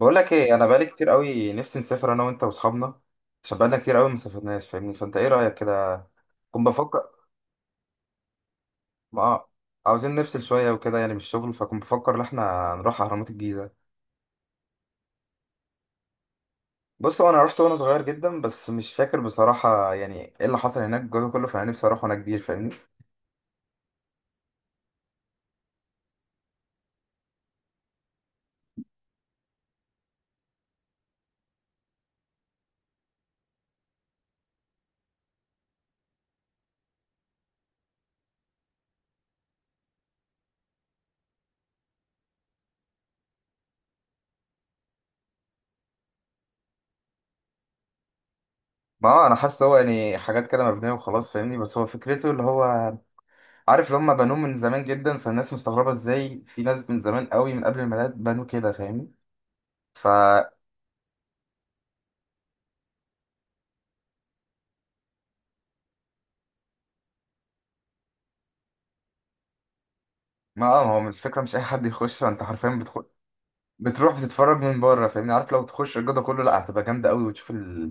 بقول لك ايه، انا بقالي كتير قوي نفسي نسافر انا وانت واصحابنا عشان بقالنا كتير قوي ما سافرناش، فاهمني؟ فانت ايه رايك كده؟ كنت بفكر. اه، عاوزين نفصل شويه وكده يعني من الشغل، فكنت بفكر ان احنا نروح اهرامات الجيزه. بص، هو انا رحت وانا صغير جدا بس مش فاكر بصراحه يعني ايه اللي حصل هناك الجو ده كله، فانا نفسي اروح وانا كبير، فاهمني؟ ما هو انا حاسس هو يعني حاجات كده مبنيه وخلاص، فاهمني؟ بس هو فكرته اللي هو عارف اللي هم بنوه من زمان جدا، فالناس مستغربه ازاي في ناس من زمان قوي من قبل الميلاد بنوا كده، فاهمني؟ ف ما هو مش فكرة مش أي حد يخش، أنت حرفيا بتخش، بتروح بتتفرج من بره، فاهمني؟ عارف لو تخش الجدول كله لا، هتبقى جامدة قوي، وتشوف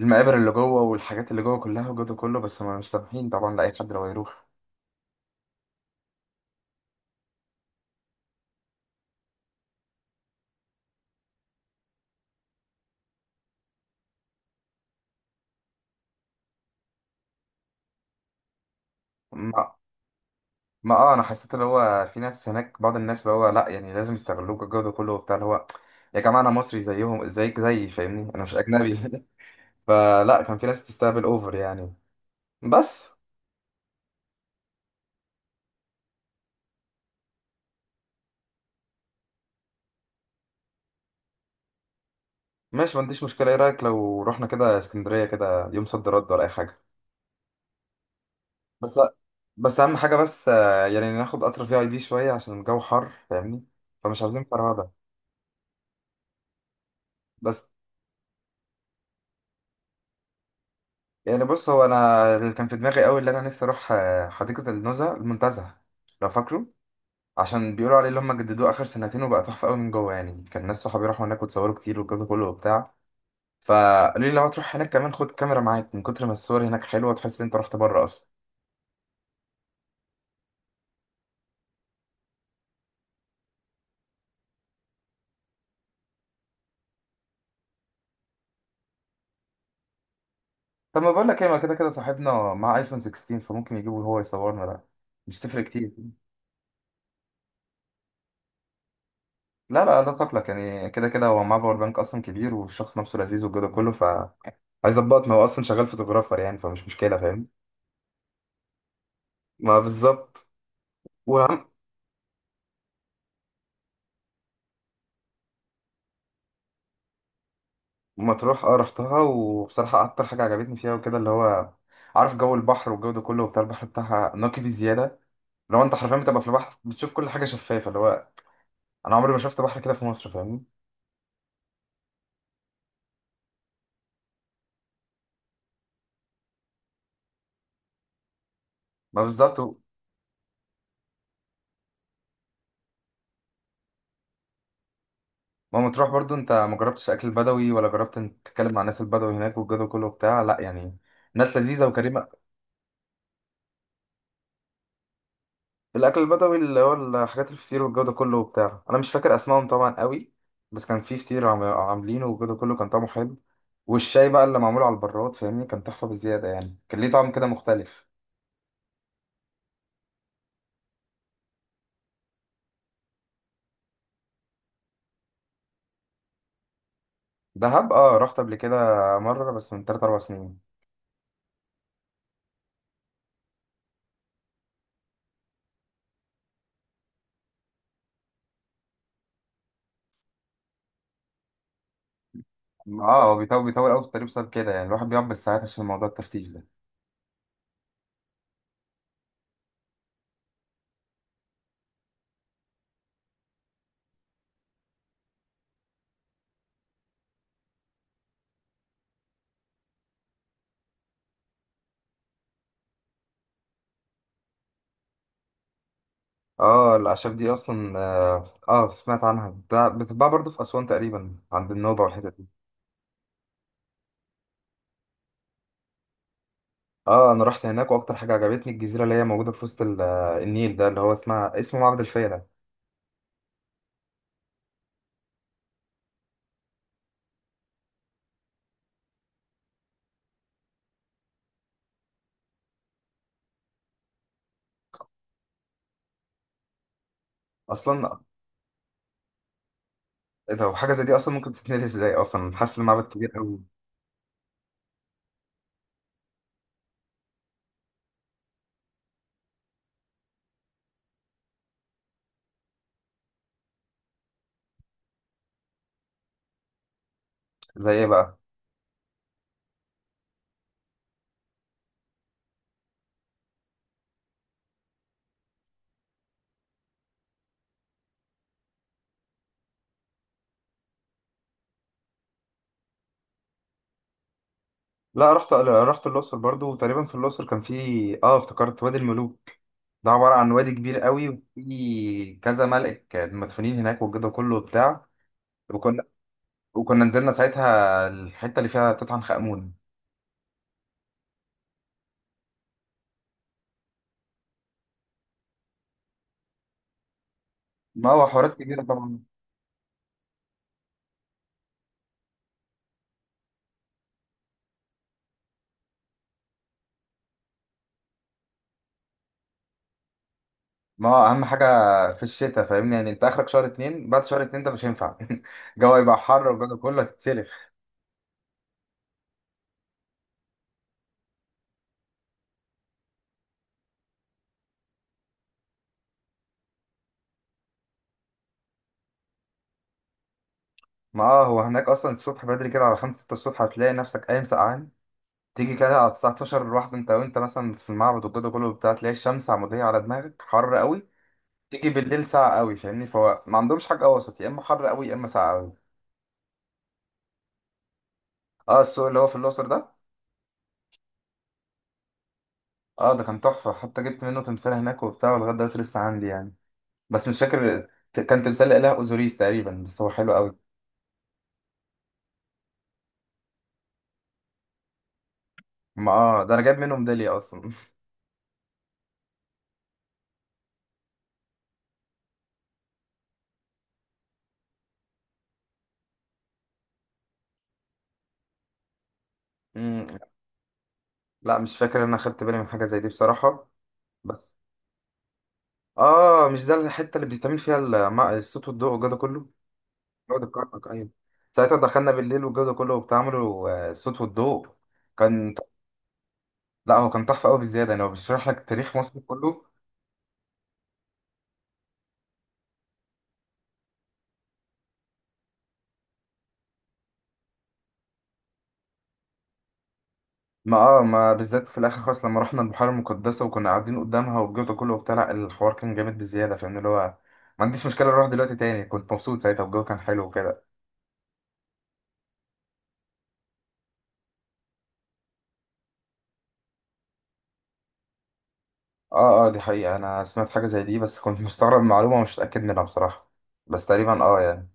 المقابر اللي جوه والحاجات اللي جوه كلها والجدول كله، بس ما مش سامحين طبعا لأي حد لو يروح. ما ما اه أنا حسيت اللي هو في ناس هناك، بعض الناس اللي هو لا يعني لازم يستغلوك الجدول كله وبتاع اللي هو، يا جماعة أنا مصري زيهم، زيك زيي، فاهمني؟ أنا مش أجنبي فلا، كان في ناس بتستقبل أوفر يعني. بس ماشي، ما عنديش مشكلة. إيه رأيك لو رحنا كده اسكندرية كده يوم صد رد ولا أي حاجة؟ بس بس اهم حاجه بس يعني ناخد قطر في اي بي شويه عشان الجو حر، فاهمني؟ فمش عاوزين فرهده. بس يعني بص، هو انا اللي كان في دماغي قوي اللي انا نفسي اروح حديقه النزهه المنتزه، لو فاكره. عشان بيقولوا عليه اللي هم جددوه اخر سنتين وبقى تحفه قوي من جوه يعني. كان ناس صحابي راحوا هناك وتصوروا كتير والجو ده كله وبتاع، فقالوا لي لو هتروح هناك كمان خد كاميرا معاك، من كتر ما الصور هناك حلوه تحس ان انت رحت بره اصلا. طب ما بقول لك ايه، ما كده كده صاحبنا مع ايفون 16، فممكن يجيبه هو يصورنا ده، مش تفرق كتير. لا، تقلق يعني كده كده هو معاه باور بانك اصلا كبير والشخص نفسه لذيذ والجو ده كله. عايز اضبط، ما هو اصلا شغال فوتوغرافر يعني، فمش مشكله، فاهم؟ ما بالظبط. وهم مطروح، اه رحتها وبصراحه اكتر حاجه عجبتني فيها وكده اللي هو عارف جو البحر والجو ده كله وبتاع. البحر بتاعها نقي بزياده، لو انت حرفيا بتبقى في البحر بتشوف كل حاجه شفافه اللي هو، انا عمري ما شفت بحر كده في مصر، فاهمني؟ ما بالظبط و- ما مطروح برضو انت ما جربتش اكل بدوي، ولا جربت انت تتكلم مع الناس البدوي هناك والجو ده كله وبتاع؟ لا يعني ناس لذيذه وكريمه. الاكل البدوي اللي هو الحاجات الفطير والجو ده كله وبتاع. انا مش فاكر اسمائهم طبعا قوي، بس كان في فطير عاملينه والجو ده كله كان طعمه حلو. والشاي بقى اللي معمول على البراد، فاهمني؟ كان تحفه بزياده يعني، كان ليه طعم كده مختلف. دهب، اه رحت قبل كده مره، بس من 3 4 سنين. اه هو بيطول قوي في الطريق بسبب كده يعني، الواحد بيقعد بالساعات عشان موضوع التفتيش ده. اه الاعشاب دي اصلا، اه، آه، سمعت عنها، ده بتتباع برضه في اسوان تقريبا عند النوبه والحتت. اه انا رحت هناك، واكتر حاجه عجبتني الجزيره اللي هي موجوده في وسط النيل ده اللي هو اسمه معبد الفيله. اصلا لو حاجه زي دي اصلا ممكن تتنقل ازاي؟ اصلا حاسس المعبد كبير قوي. زي ايه بقى؟ لا رحت الاقصر برضو، وتقريبا في الاقصر كان في، اه، افتكرت، وادي الملوك. ده عباره عن وادي كبير قوي، وفي كذا ملك مدفونين هناك والجدع كله وبتاع. وكنا وكنا نزلنا ساعتها الحته اللي فيها تسعة امون. ما هو حوارات كبيره طبعا. ما هو اهم حاجه في الشتاء، فاهمني؟ يعني انت اخرك شهر اتنين، بعد شهر اتنين ده مش هينفع. الجو يبقى حر والجو كله هتتسلف. ما اه هو هناك اصلا الصبح بدري كده على خمسة ستة الصبح هتلاقي نفسك قايم سقعان. تيجي كده على الساعة 12 الواحدة، انت وانت مثلا في المعبد والجو كله بتاع، تلاقي الشمس عمودية على دماغك حر قوي. تيجي بالليل ساقع قوي، فاهمني؟ فهو ما عندهمش حاجة وسط، يا اما حر قوي يا اما ساقع قوي. اه، السوق اللي هو في الأقصر ده. اه ده كان تحفة، حتى جبت منه تمثال هناك وبتاع ولغاية دلوقتي لسه عندي يعني، بس مش فاكر. كان تمثال الإله أوزوريس تقريبا، بس هو حلو قوي. ما اه ده انا جايب منه ميدالية اصلا. مم. لا مش فاكر ان انا خدت بالي من حاجة زي دي بصراحة. بس اه، مش ده الحتة اللي بيتعمل فيها الصوت والضوء والجو ده كله؟ جودة الكرنك، ايوه. ساعتها دخلنا بالليل والجو ده كله، وبتعملوا الصوت والضوء. كان لا هو كان تحفة قوي بالزيادة يعني، هو بيشرح لك تاريخ مصر كله. ما اه ما بالذات في الاخر خالص لما رحنا البحيرة المقدسة وكنا قاعدين قدامها والجو ده كله وبتاع، لا الحوار كان جامد بالزيادة، فاهم اللي هو؟ ما عنديش مشكلة اروح دلوقتي تاني، كنت مبسوط ساعتها والجو كان حلو وكده. اه دي حقيقة، انا سمعت حاجة زي دي بس كنت مستغرب من المعلومة ومش متأكد منها بصراحة، بس تقريبا اه يعني.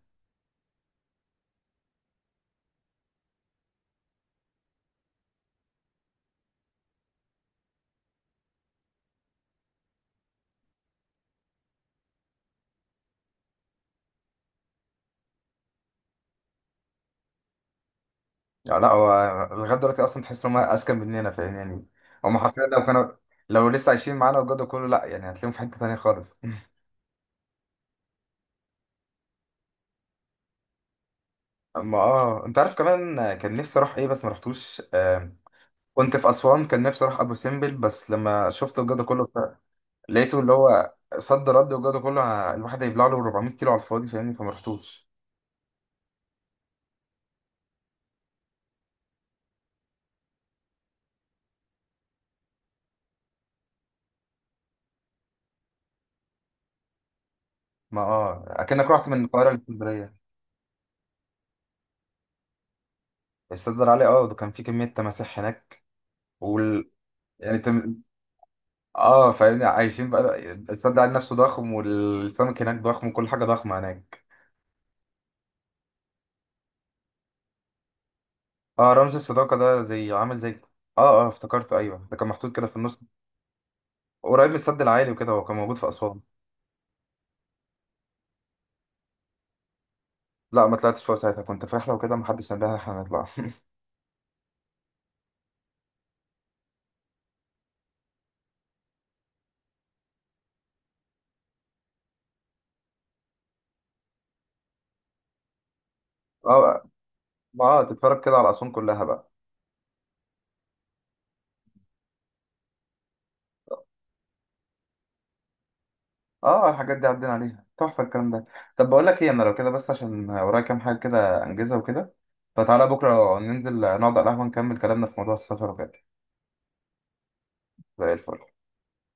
يعني لا هو لغاية دلوقتي اصلا تحس ان هم اذكى مننا، فاهم يعني؟ هم حرفيا لو كانوا، لو لسه عايشين معانا وجدوا كله، لا يعني هتلاقيهم في حتة تانية خالص اما اه انت عارف كمان كان نفسي اروح ايه بس ما رحتوش كنت في اسوان كان نفسي اروح ابو سمبل، بس لما شفت وجدوا كله لقيته اللي هو صد رد وجدوا كله، الواحد هيبلع له 400 كيلو على الفاضي، فاهمني؟ فما رحتوش. ما اه اكنك رحت من القاهرة لاسكندرية. الصدر عليه، اه ده كان في كمية تماسيح هناك. وال يعني اه فاهمني عايشين بقى. الصدر عليه نفسه ضخم والسمك هناك ضخم، وكل حاجة ضخمة هناك. اه رمز الصداقة ده زي عامل زي، اه افتكرته، ايوه ده كان محطوط كده في النص، قريب من السد العالي وكده، هو كان موجود في أسوان. لا ما طلعتش فوق، ساعتها كنت في رحلة وكده محدش نبهني احنا هنطلع. اه، ما اه تتفرج كده على أسوان كلها بقى. اه الحاجات دي عدينا عليها تحفة الكلام ده. طب بقول لك ايه، انا لو كده بس عشان ورايا كام حاجة كده انجزها وكده، فتعالى بكرة ننزل نقعد على القهوة نكمل كلامنا في موضوع السفر وكده. زي الفل.